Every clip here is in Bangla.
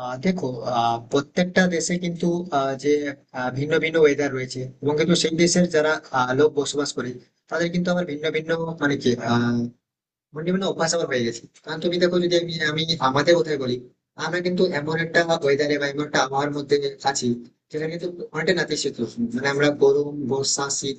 দেখো, প্রত্যেকটা দেশে কিন্তু আহ, যে ভিন্ন ভিন্ন ওয়েদার রয়েছে, এবং কিন্তু সেই দেশের যারা লোক বসবাস করে তাদের কিন্তু আবার ভিন্ন ভিন্ন মানে কি আহ, ভিন্ন ভিন্ন অভ্যাস আবার হয়ে গেছে। কারণ তুমি দেখো, যদি আমি আমি আমাদের কথাই বলি, আমরা কিন্তু এমন একটা ওয়েদারে বা এমন একটা আবহাওয়ার মধ্যে আছি যেখানে কিন্তু অনেকটা নাতিশীতোষ্ণ, মানে আমরা গরম বর্ষা শীত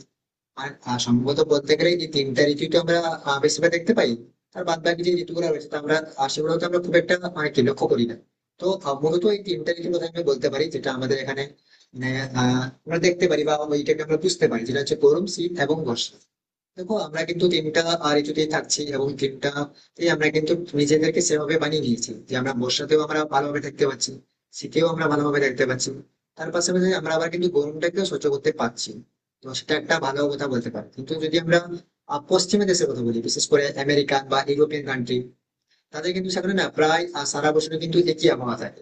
আর সম্ভবত বলতে গেলে এই তিনটা ঋতুই তো আমরা বেশিরভাগ দেখতে পাই। আর বাদ বাকি যে ঋতুগুলো রয়েছে তা আমরা, সেগুলো তো আমরা খুব একটা মানে কি লক্ষ্য করি না। তো মূলত এই তিনটা ঋতুর কথা আমি বলতে পারি যেটা আমাদের এখানে মানে, আমরা দেখতে পারি বা ওইটাকে আমরা বুঝতে পারি, যেটা হচ্ছে গরম শীত এবং বর্ষা। দেখো, আমরা কিন্তু টিমটা ঋতুতেই থাকছি এবং টিমটা আমরা কিন্তু নিজেদেরকে সেভাবে বানিয়ে নিয়েছি যে আমরা বর্ষাতেও আমরা ভালোভাবে থাকতে পারছি, শীতেও আমরা ভালোভাবে থাকতে পারছি, তার পাশাপাশি আমরা আবার কিন্তু গরমটাকেও সহ্য করতে পারছি। তো সেটা একটা ভালো কথা বলতে পারি। কিন্তু যদি আমরা পশ্চিমা দেশের কথা বলি, বিশেষ করে আমেরিকান বা ইউরোপিয়ান কান্ট্রি, তাদের কিন্তু সেখানে না প্রায় সারা বছর কিন্তু একই আবহাওয়া থাকে।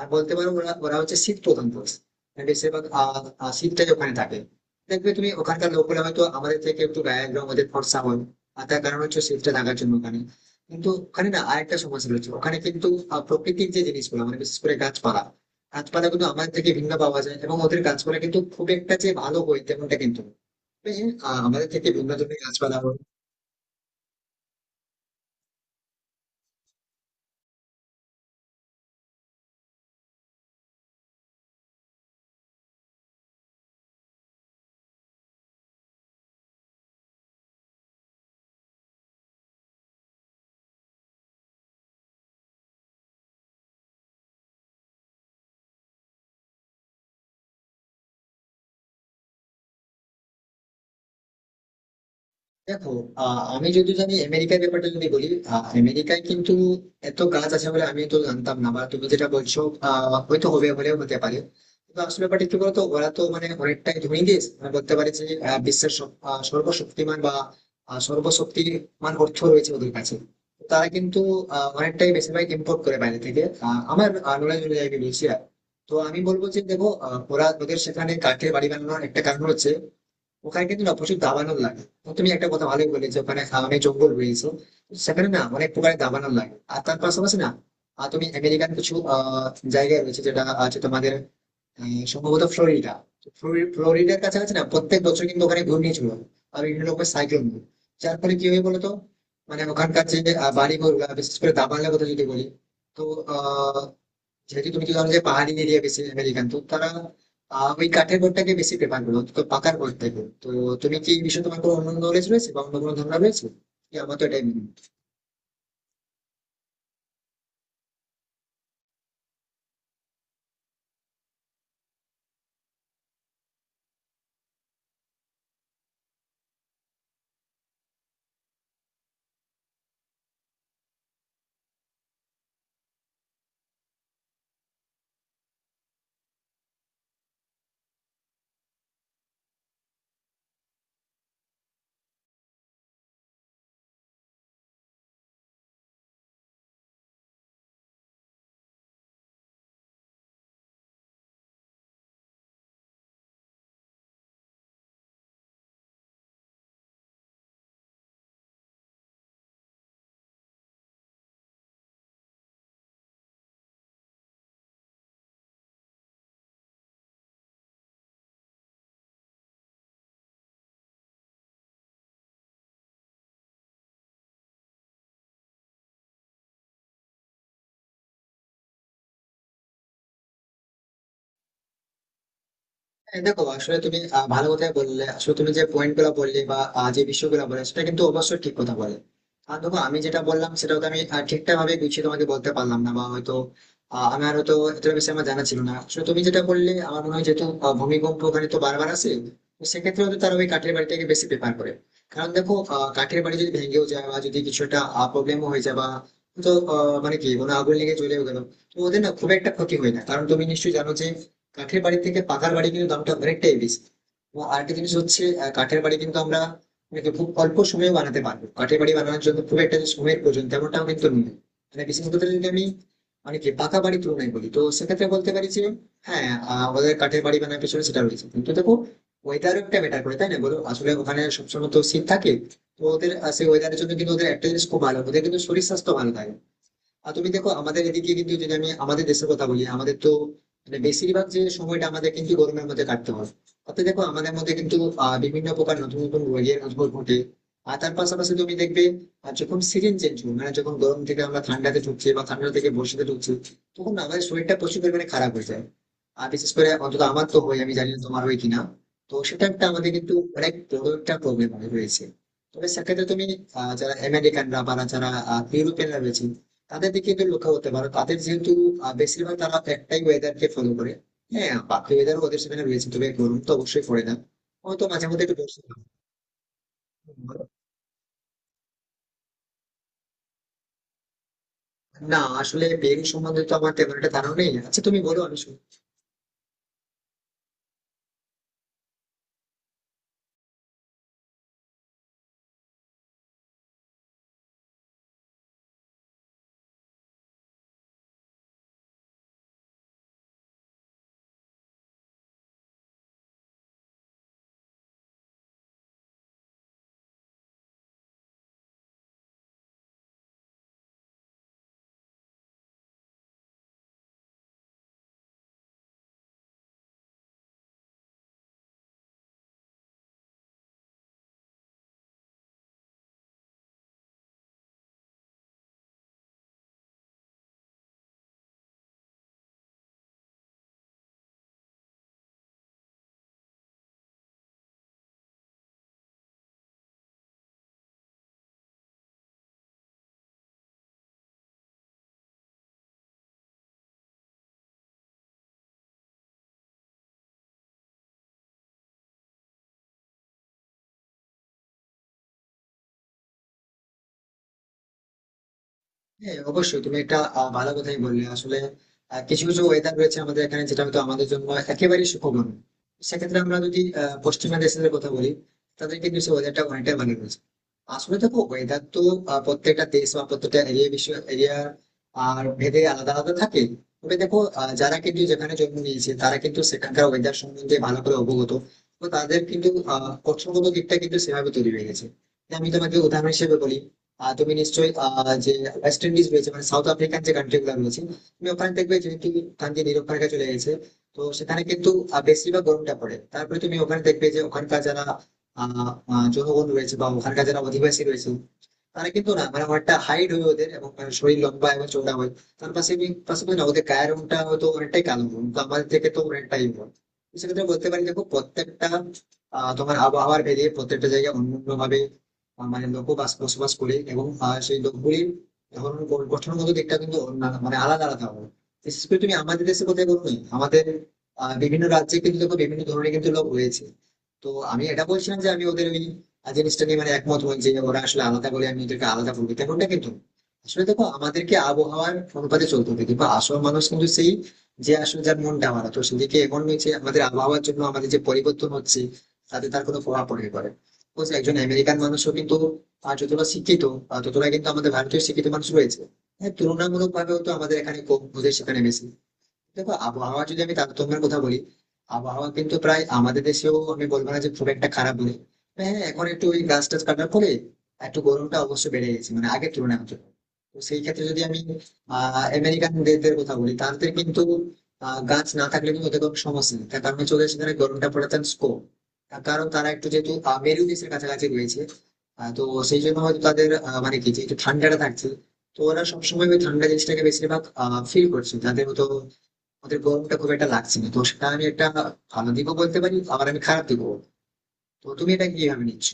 আর বলতে পারো ওরা ওরা হচ্ছে শীত প্রধান দেশ, মানে বেশিরভাগ আহ, আহ, শীতটাই ওখানে থাকে। দেখবে তুমি, ওখানকার লোকেরা হয়তো আমাদের থেকে একটু গায়ের রং ওদের ফর্সা হয়, আর তার কারণ হচ্ছে শীতটা থাকার জন্য ওখানে। কিন্তু ওখানে না আরেকটা সমস্যা রয়েছে, ওখানে কিন্তু প্রকৃতির যে জিনিসগুলো মানে বিশেষ করে গাছপালা, গাছপালা কিন্তু আমাদের থেকে ভিন্ন পাওয়া যায় এবং ওদের গাছপালা কিন্তু খুব একটা যে ভালো হয় তেমনটা কিন্তু নয়। তবে হ্যাঁ, আমাদের থেকে ভিন্ন ধরনের গাছপালা হয়। দেখো, আমি যদি জানি আমেরিকার ব্যাপারটা যদি বলি, আমেরিকায় কিন্তু এত গাছ আছে বলে আমি তো জানতাম না, বা তুমি যেটা বলছো হয়তো হবে, হলেও হতে পারে। কিন্তু আসল ব্যাপারটা কি বলতো, ওরা তো মানে অনেকটাই ধনী দেশ, মানে বলতে পারে যে বিশ্বের সর্বশক্তিমান বা সর্বশক্তিমান অর্থ রয়েছে ওদের কাছে। তারা কিন্তু অনেকটাই বেশিরভাগ ইম্পোর্ট করে বাইরে থেকে, আমার নলেজ অনুযায়ী আমি বলছি আর। তো আমি বলবো যে দেখো, ওরা ওদের সেখানে কাঠের বাড়ি বানানোর একটা কারণ হচ্ছে ওখানে কিন্তু না প্রচুর দাবানল লাগে। তো তুমি একটা কথা ভালোই বলে যে ওখানে অনেক জঙ্গল রয়েছে, তো সেখানে না অনেক প্রকারের দাবানল লাগে। আর তার পাশাপাশি না, আর তুমি আমেরিকান কিছু জায়গা রয়েছে যেটা আছে তোমাদের, সম্ভবত ফ্লোরিডা। তো ফ্লোরিডার কাছাকাছি না প্রত্যেক বছর কিন্তু ওখানে ঘূর্ণিঝড় হয় আর বিভিন্ন রকমের সাইক্লোন। যার ফলে কি হয় বলতো, মানে ওখানকার যে বাড়ি ঘর, বিশেষ করে দাবানলের কথা যদি বলি, তো আহ যেহেতু তুমি তো জানো যে পাহাড়ি এরিয়া বেশি আমেরিকান, তো তারা ওই কাঠের ঘরটাকে বেশি প্রেফার করো তো পাকার ঘর থেকে। তো তুমি কি এই বিষয়ে তোমার কোনো অন্য নলেজ রয়েছে বা অন্য কোনো ধারণা রয়েছে কি? আমার তো এটাই মনে হয়। হ্যাঁ, দেখো আসলে তুমি ভালো কথাই বললে। আসলে তুমি যে পয়েন্ট গুলো বললে বা যে বিষয়গুলো বললে সেটা কিন্তু অবশ্যই ঠিক কথা বলে। আর দেখো, আমি যেটা বললাম সেটা হয়তো আমি ঠিকঠাক ভাবে গুছিয়ে তোমাকে বলতে পারলাম না, বা হয়তো আমার হয়তো এতটা বেশি আমার জানা ছিল না। আসলে তুমি যেটা বললে আমার মনে হয় যেহেতু ভূমিকম্প ওখানে তো বারবার আসে, তো সেক্ষেত্রে হয়তো তারা ওই কাঠের বাড়িটাকে বেশি প্রেফার করে। কারণ দেখো, কাঠের বাড়ি যদি ভেঙেও যায় বা যদি কিছু একটা প্রবলেমও হয়ে যায় বা, তো মানে কি কোনো আগুন লেগে জ্বলেও গেল, তো ওদের না খুব একটা ক্ষতি হয় না। কারণ তুমি নিশ্চয়ই জানো যে কাঠের বাড়ি থেকে পাকার বাড়ি কিন্তু দামটা অনেকটাই বেশি। এবং আরেকটা জিনিস হচ্ছে কাঠের বাড়ি কিন্তু আমরা কিন্তু খুব অল্প সময়ে বানাতে পারবো। কাঠের বাড়ি বানানোর জন্য খুব একটা যে সময়ের প্রয়োজন তেমনটাও কিন্তু নেই, মানে বিশেষ করে যদি আমি মানে কি পাকা বাড়ি তুলনায় বলি। তো সেক্ষেত্রে বলতে পারি যে হ্যাঁ, আমাদের কাঠের বাড়ি বানানোর পিছনে সেটা রয়েছে। কিন্তু দেখো, ওয়েদারও একটা ম্যাটার করে, তাই না বলো? আসলে ওখানে সবসময় তো শীত থাকে, তো ওদের সেই ওয়েদারের জন্য কিন্তু ওদের একটা জিনিস খুব ভালো, ওদের কিন্তু শরীর স্বাস্থ্য ভালো থাকে। আর তুমি দেখো, আমাদের এদিকে কিন্তু যদি আমি আমাদের দেশের কথা বলি, আমাদের তো মানে বেশিরভাগ যে সময়টা আমাদের কিন্তু গরমের মধ্যে কাটতে হয়। তাতে দেখো, আমাদের মধ্যে কিন্তু বিভিন্ন প্রকার নতুন নতুন রোগের উদ্ভব ঘটে। আর তার পাশাপাশি তুমি দেখবে, আর যখন সিজন চেঞ্জ হবে, মানে যখন গরম থেকে আমরা ঠান্ডাতে ঢুকছি বা ঠান্ডা থেকে বর্ষাতে ঢুকছি, তখন আমাদের শরীরটা প্রচুর পরিমাণে খারাপ হয়ে যায়। আর বিশেষ করে অন্তত আমার তো হয়, আমি জানি না তোমার হয় কিনা। তো সেটা একটা আমাদের কিন্তু অনেক বড় একটা প্রবলেম হয়ে রয়েছে। তবে সেক্ষেত্রে তুমি যারা আমেরিকানরা বা যারা ইউরোপিয়ানরা রয়েছে তাদের দিকে একটু লক্ষ্য করতে পারো। তাদের যেহেতু বেশিরভাগ তারা একটাই ওয়েদার কে ফলো করে। হ্যাঁ, বাকি ওয়েদার ওদের সেখানে রয়েছে, তবে গরম তো অবশ্যই পড়ে না, হয়তো মাঝে মধ্যে একটু বর্ষা হয়। না, আসলে বেরি সম্বন্ধে তো আমার তেমন একটা ধারণা নেই। আচ্ছা তুমি বলো, আমি শুনি। হ্যাঁ অবশ্যই, তুমি একটা ভালো কথাই বললে। আসলে কিছু কিছু ওয়েদার রয়েছে আমাদের এখানে যেটা হয়তো আমাদের জন্য একেবারেই সুখবর নয়। সেক্ষেত্রে আমরা যদি পশ্চিমা দেশের কথা বলি, তাদের কিন্তু সেই ওয়েদারটা অনেকটাই ভালো রয়েছে। আসলে দেখো, ওয়েদার তো প্রত্যেকটা দেশ বা প্রত্যেকটা এরিয়া, বিশ্ব এরিয়া আর ভেদে আলাদা আলাদা থাকে। তবে দেখো, যারা কিন্তু যেখানে জন্ম নিয়েছে তারা কিন্তু সেখানকার ওয়েদার সম্বন্ধে ভালো করে অবগত, তো তাদের কিন্তু কৌশলগত দিকটা কিন্তু সেভাবে তৈরি হয়ে গেছে। আমি তোমাকে উদাহরণ হিসেবে বলি, তুমি নিশ্চয়ই আহ, যে ওয়েস্ট ইন্ডিজ রয়েছে, মানে সাউথ আফ্রিকান যে কান্ট্রি গুলো রয়েছে, তুমি ওখানে দেখবে যেহেতু গান্ধী নিরক্ষরেখা চলে গেছে, তো সেখানে কিন্তু বেশিরভাগ গরমটা পড়ে। তারপরে তুমি ওখানে দেখবে যে ওখানকার যারা আহ আহ, জনগণ রয়েছে বা ওখানকার যারা অধিবাসী রয়েছে, তারা কিন্তু না মানে অনেকটা হাইট হয় ওদের, এবং মানে শরীর লম্বা এবং চওড়া হয়। তার পাশাপাশি না ওদের গায়ের রংটা হয়তো অনেকটাই কালো, কিন্তু আমাদের থেকে তো অনেকটাই হয়। তো সেক্ষেত্রে বলতে পারি, দেখো, প্রত্যেকটা তোমার আবহাওয়ার ভেদে প্রত্যেকটা জায়গায় অন্যান্য ভাবে মানে লোক বাস বসবাস করে, এবং সেই লোকগুলির ধরন গঠনগত দিকটা কিন্তু মানে আলাদা আলাদা হয়। বিশেষ করে তুমি আমাদের দেশে কোথায় বলবে, আমাদের বিভিন্ন রাজ্যে কিন্তু দেখো বিভিন্ন ধরনের কিন্তু লোক রয়েছে। তো আমি এটা বলছিলাম যে আমি ওদের ওই আর জিনিসটা নিয়ে মানে একমত হন যে ওরা আসলে আলাদা বলে আমি এদেরকে আলাদা বলবো তেমনটা কিন্তু না। আসলে দেখো, আমাদেরকে আবহাওয়ার অনুপাতে চলতে হবে, কিন্তু আসল মানুষ কিন্তু সেই, যে আসলে যার মনটা আমার তো সেদিকে এমন হয়েছে আমাদের আবহাওয়ার জন্য। আমাদের যে পরিবর্তন হচ্ছে তাতে তার কোনো প্রভাব পড়ে পারে। বুঝলে, একজন আমেরিকান মানুষও কিন্তু যতটা শিক্ষিত, ততটা কিন্তু আমাদের ভারতীয় শিক্ষিত মানুষ রয়েছে। হ্যাঁ, তুলনামূলক ভাবে হয়তো আমাদের এখানে কম, ওদের সেখানে বেশি। দেখো, আবহাওয়া যদি আমি তারতম্যের কথা বলি, আবহাওয়া কিন্তু প্রায় আমাদের দেশেও আমি বলবো না যে খুব একটা খারাপ বলে। হ্যাঁ হ্যাঁ, এখন একটু ওই গাছ টাছ কাটার পরে একটু গরমটা অবশ্য বেড়ে গেছে, মানে আগের তুলনায় হতো। তো সেই ক্ষেত্রে যদি আমি আমেরিকান দেশদের কথা বলি, তাদের কিন্তু গাছ না থাকলে কিন্তু ওদের কোনো সমস্যা নেই। তার কারণ চলে, সেখানে গরমটা পড়ে তার স্কোপ, তার কারণ তারা একটু যেহেতু মেরু দেশের কাছাকাছি রয়েছে। তো সেই জন্য হয়তো তাদের মানে কি যে একটু ঠান্ডাটা থাকছে, তো ওরা সবসময় ওই ঠান্ডা জিনিসটাকে বেশিরভাগ ফিল করছে। তাদের হয়তো ওদের গরমটা খুব একটা লাগছে না। তো সেটা আমি একটা ভালো দিকও বলতে পারি, আবার আমি খারাপ দিকও বলতে পারি। তো তুমি এটা কিভাবে নিচ্ছ?